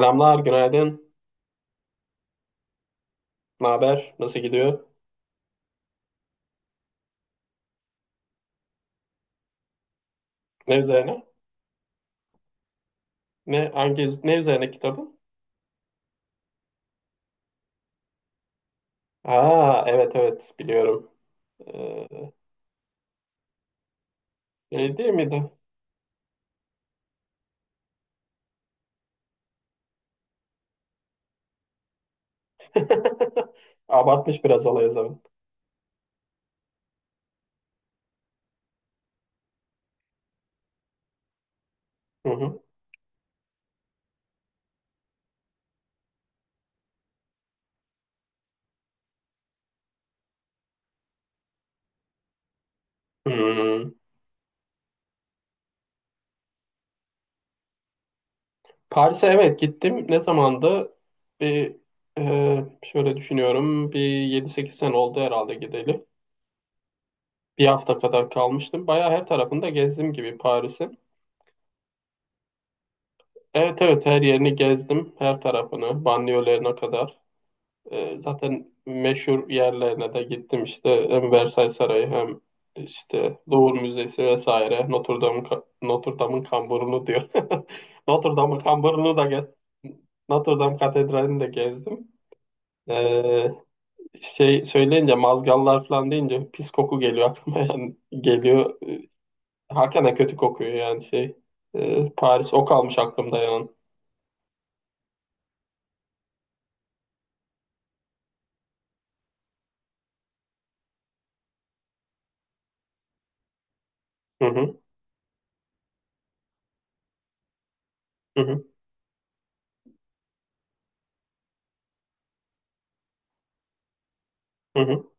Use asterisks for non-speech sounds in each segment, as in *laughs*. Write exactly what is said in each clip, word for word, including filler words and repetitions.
Selamlar, günaydın. Ne haber? Nasıl gidiyor? Ne üzerine? Ne hangi ne üzerine kitabın? Aa, evet, evet, biliyorum. Ee, Şey değil miydi? *laughs* Abartmış biraz olayı zaman. Hı hı. Hmm. Paris'e, evet, gittim. Ne zamandı? Bir e, şöyle düşünüyorum. Bir yedi sekiz sene oldu herhalde gideli. Bir hafta kadar kalmıştım. Bayağı her tarafında gezdim gibi Paris'in. Evet, evet, her yerini gezdim. Her tarafını, banliyölerine kadar. E, zaten meşhur yerlerine de gittim işte, hem Versailles Sarayı, hem işte Louvre Müzesi, vesaire. Notre Dame'ın ka- Notre Dame'ın kamburunu diyor. *laughs* Notre Dame'ın kamburunu da ge- Notre Dame Katedrali'ni de gezdim. E, Şey söyleyince, mazgallar falan deyince, pis koku geliyor aklıma, *laughs* yani geliyor. E, Hakikaten kötü kokuyor yani şey. E, Paris, o kalmış aklımda yani. Hı hı, hı hı, hı hı.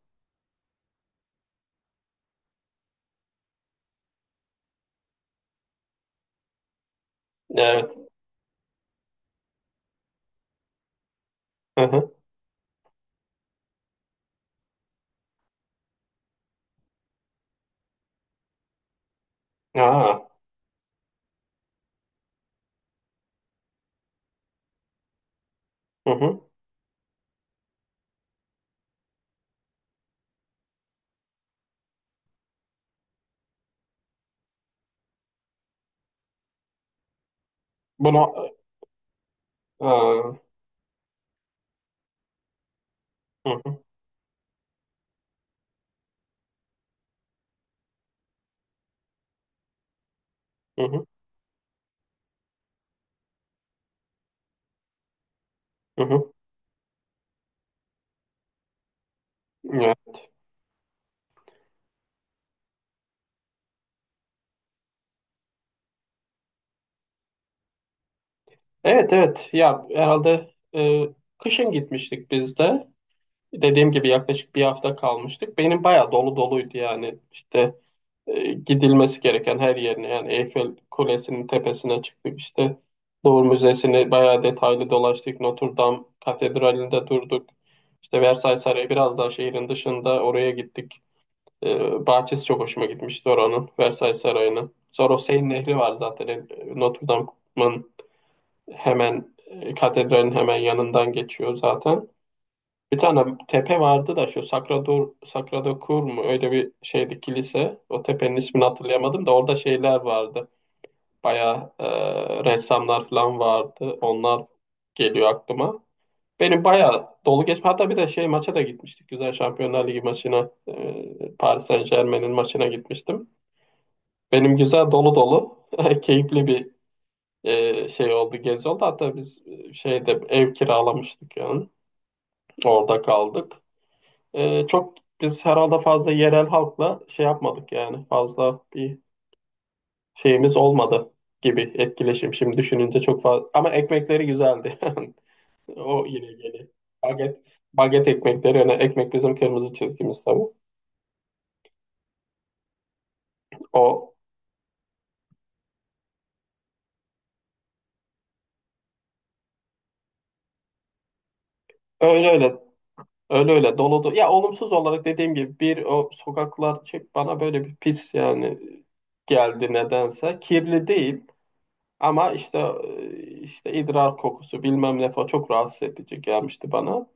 Evet. Hı hı. Aa, hı hı. Bunu. Aa. Hı hı, hı hı, hı hı. Ya. Evet, evet, ya herhalde, e, kışın gitmiştik biz de. Dediğim gibi yaklaşık bir hafta kalmıştık. Benim bayağı dolu doluydu yani işte, e, gidilmesi gereken her yerine yani. Eyfel Kulesi'nin tepesine çıktık işte, Louvre Müzesi'ni bayağı detaylı dolaştık. Notre Dame Katedrali'nde durduk. İşte Versailles Sarayı biraz daha şehrin dışında, oraya gittik. Ee, bahçesi çok hoşuma gitmişti oranın, Versailles Sarayı'nın. Sonra o Seine Nehri var zaten. Ee, Notre Dame'ın hemen, e, katedralin hemen yanından geçiyor zaten. Bir tane tepe vardı da, şu Sacrador, Sacrado Cor mu, öyle bir şeydi, kilise. O tepenin ismini hatırlayamadım da, orada şeyler vardı. Bayağı e, ressamlar falan vardı. Onlar geliyor aklıma. Benim bayağı dolu geçme. Hatta bir de şey, maça da gitmiştik. Güzel, Şampiyonlar Ligi maçına. e, Paris Saint-Germain'in maçına gitmiştim. Benim güzel dolu dolu *laughs* keyifli bir e, şey oldu, gezi oldu. Hatta biz e, şeyde ev kiralamıştık yani. Orada kaldık. E, çok, biz herhalde fazla yerel halkla şey yapmadık yani. Fazla bir şeyimiz olmadı gibi, etkileşim. Şimdi düşününce, çok fazla. Ama ekmekleri güzeldi. *laughs* O yine geliyor. Baget, baget ekmekleri. Yani ekmek bizim kırmızı çizgimiz tabii. O öyle öyle, öyle öyle doludu. Ya, olumsuz olarak dediğim gibi, bir o sokaklar şey, bana böyle bir pis yani geldi nedense. Kirli değil ama işte e, işte idrar kokusu bilmem ne falan, çok rahatsız edici gelmişti bana.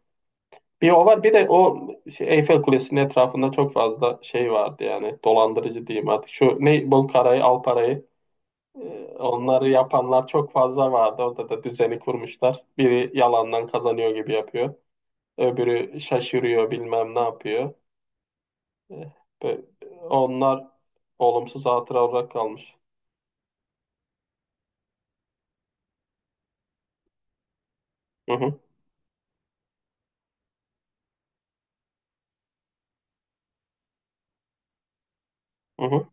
Bir o var, bir de o şey, Eyfel Kulesi'nin etrafında çok fazla şey vardı yani, dolandırıcı diyeyim artık. Şu ne bol, parayı al parayı, e, onları yapanlar çok fazla vardı. Orada da düzeni kurmuşlar. Biri yalandan kazanıyor gibi yapıyor. Öbürü şaşırıyor, bilmem ne yapıyor. Eh, be- onlar olumsuz hatıra olarak kalmış. Hı hı, hı hı.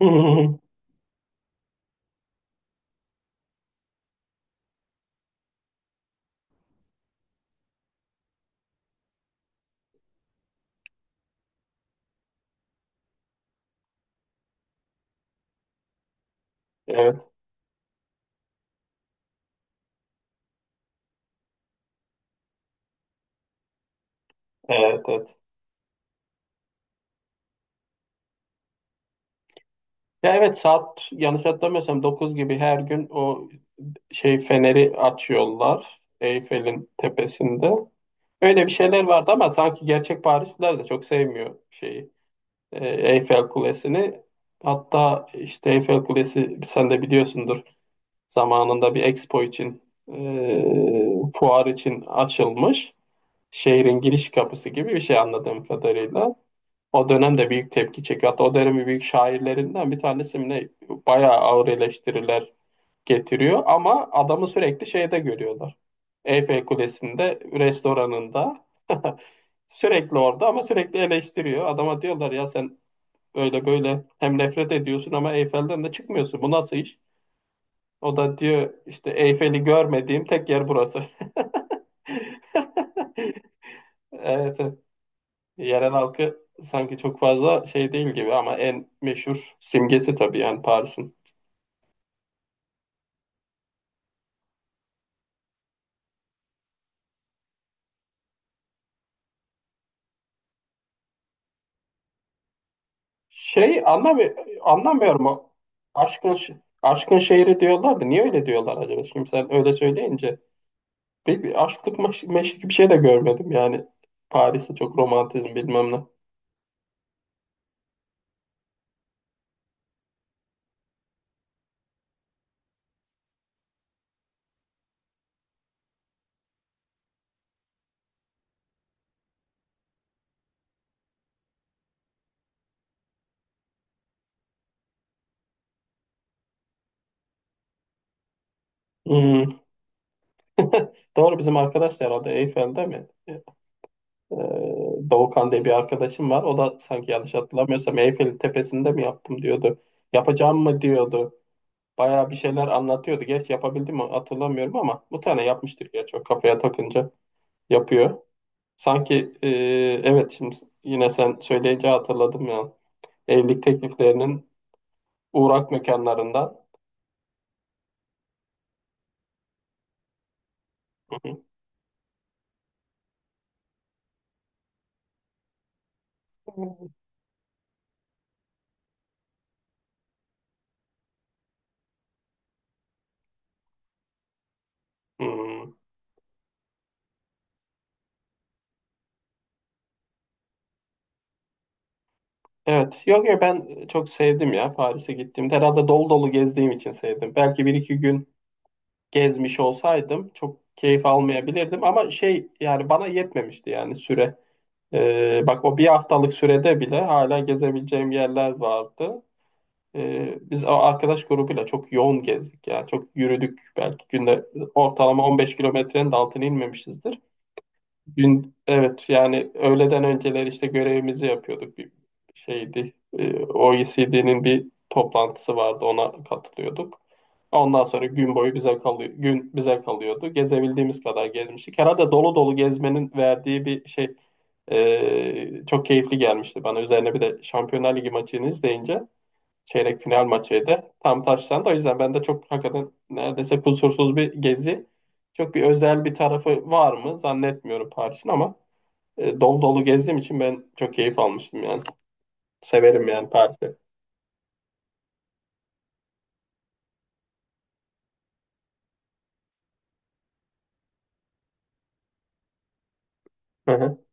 *laughs* Evet, evet, evet. Ya evet, saat yanlış hatırlamıyorsam, dokuz gibi her gün o şey, feneri açıyorlar Eyfel'in tepesinde. Öyle bir şeyler vardı, ama sanki gerçek Parisliler de çok sevmiyor şeyi, e, Eyfel Kulesi'ni. Hatta işte Eyfel Kulesi, sen de biliyorsundur, zamanında bir expo için, e, fuar için açılmış. Şehrin giriş kapısı gibi bir şey, anladığım kadarıyla. O dönemde büyük tepki çekiyor. Hatta o dönemin büyük şairlerinden bir tanesi mi ne, bayağı ağır eleştiriler getiriyor, ama adamı sürekli şeyde görüyorlar, Eyfel Kulesi'nde, restoranında. *laughs* Sürekli orada ama sürekli eleştiriyor. Adama diyorlar, ya sen öyle böyle hem nefret ediyorsun ama Eyfel'den de çıkmıyorsun, bu nasıl iş? O da diyor işte, Eyfel'i görmediğim tek yer burası. *laughs* Evet, evet. Yerel halkı sanki çok fazla şey değil gibi, ama en meşhur simgesi tabii yani Paris'in. Şey, anlamı anlamıyorum o aşkın, ş- aşkın şehri diyorlardı. Niye öyle diyorlar acaba? Şimdi sen öyle söyleyince, bir, bir aşklık maş- meşlik bir şey de görmedim yani Paris'te, çok romantizm bilmem ne. Hmm. *laughs* Doğru, bizim arkadaş da herhalde Eyfel'de mi? Ee, Doğukan diye bir arkadaşım var. O da sanki yanlış hatırlamıyorsam, Eyfel'in tepesinde mi yaptım diyordu. Yapacağım mı diyordu. Bayağı bir şeyler anlatıyordu. Gerçi yapabildim mi hatırlamıyorum, ama bu tane yapmıştır gerçi, o kafaya takınca yapıyor. Sanki, e, evet, şimdi yine sen söyleyince hatırladım ya. Evlilik tekliflerinin uğrak mekanlarından. Hı hı. Hmm. Hmm. Evet. Yok, yok, ben çok sevdim ya Paris'e gittiğimde. Herhalde dolu dolu gezdiğim için sevdim. Belki bir iki gün gezmiş olsaydım çok keyif almayabilirdim, ama şey, yani bana yetmemişti yani, süre. Ee, bak, o bir haftalık sürede bile hala gezebileceğim yerler vardı. Ee, biz o arkadaş grubuyla çok yoğun gezdik ya. Çok yürüdük, belki günde ortalama on beş kilometrenin de altına inmemişizdir. Gün, evet, yani öğleden önceler işte görevimizi yapıyorduk. Bir şeydi, e, O E C D'nin bir toplantısı vardı, ona katılıyorduk. Ondan sonra gün boyu bize kalıyor, gün bize kalıyordu. Gezebildiğimiz kadar gezmiştik. Herhalde dolu dolu gezmenin verdiği bir şey, e, çok keyifli gelmişti bana. Üzerine bir de Şampiyonlar Ligi maçını izleyince, çeyrek final maçıydı, tam taşlandı. O yüzden ben de çok, hakikaten neredeyse kusursuz bir gezi. Çok bir özel bir tarafı var mı zannetmiyorum Paris'in, ama e, dolu dolu gezdiğim için ben çok keyif almıştım yani. Severim yani Paris'i. *laughs*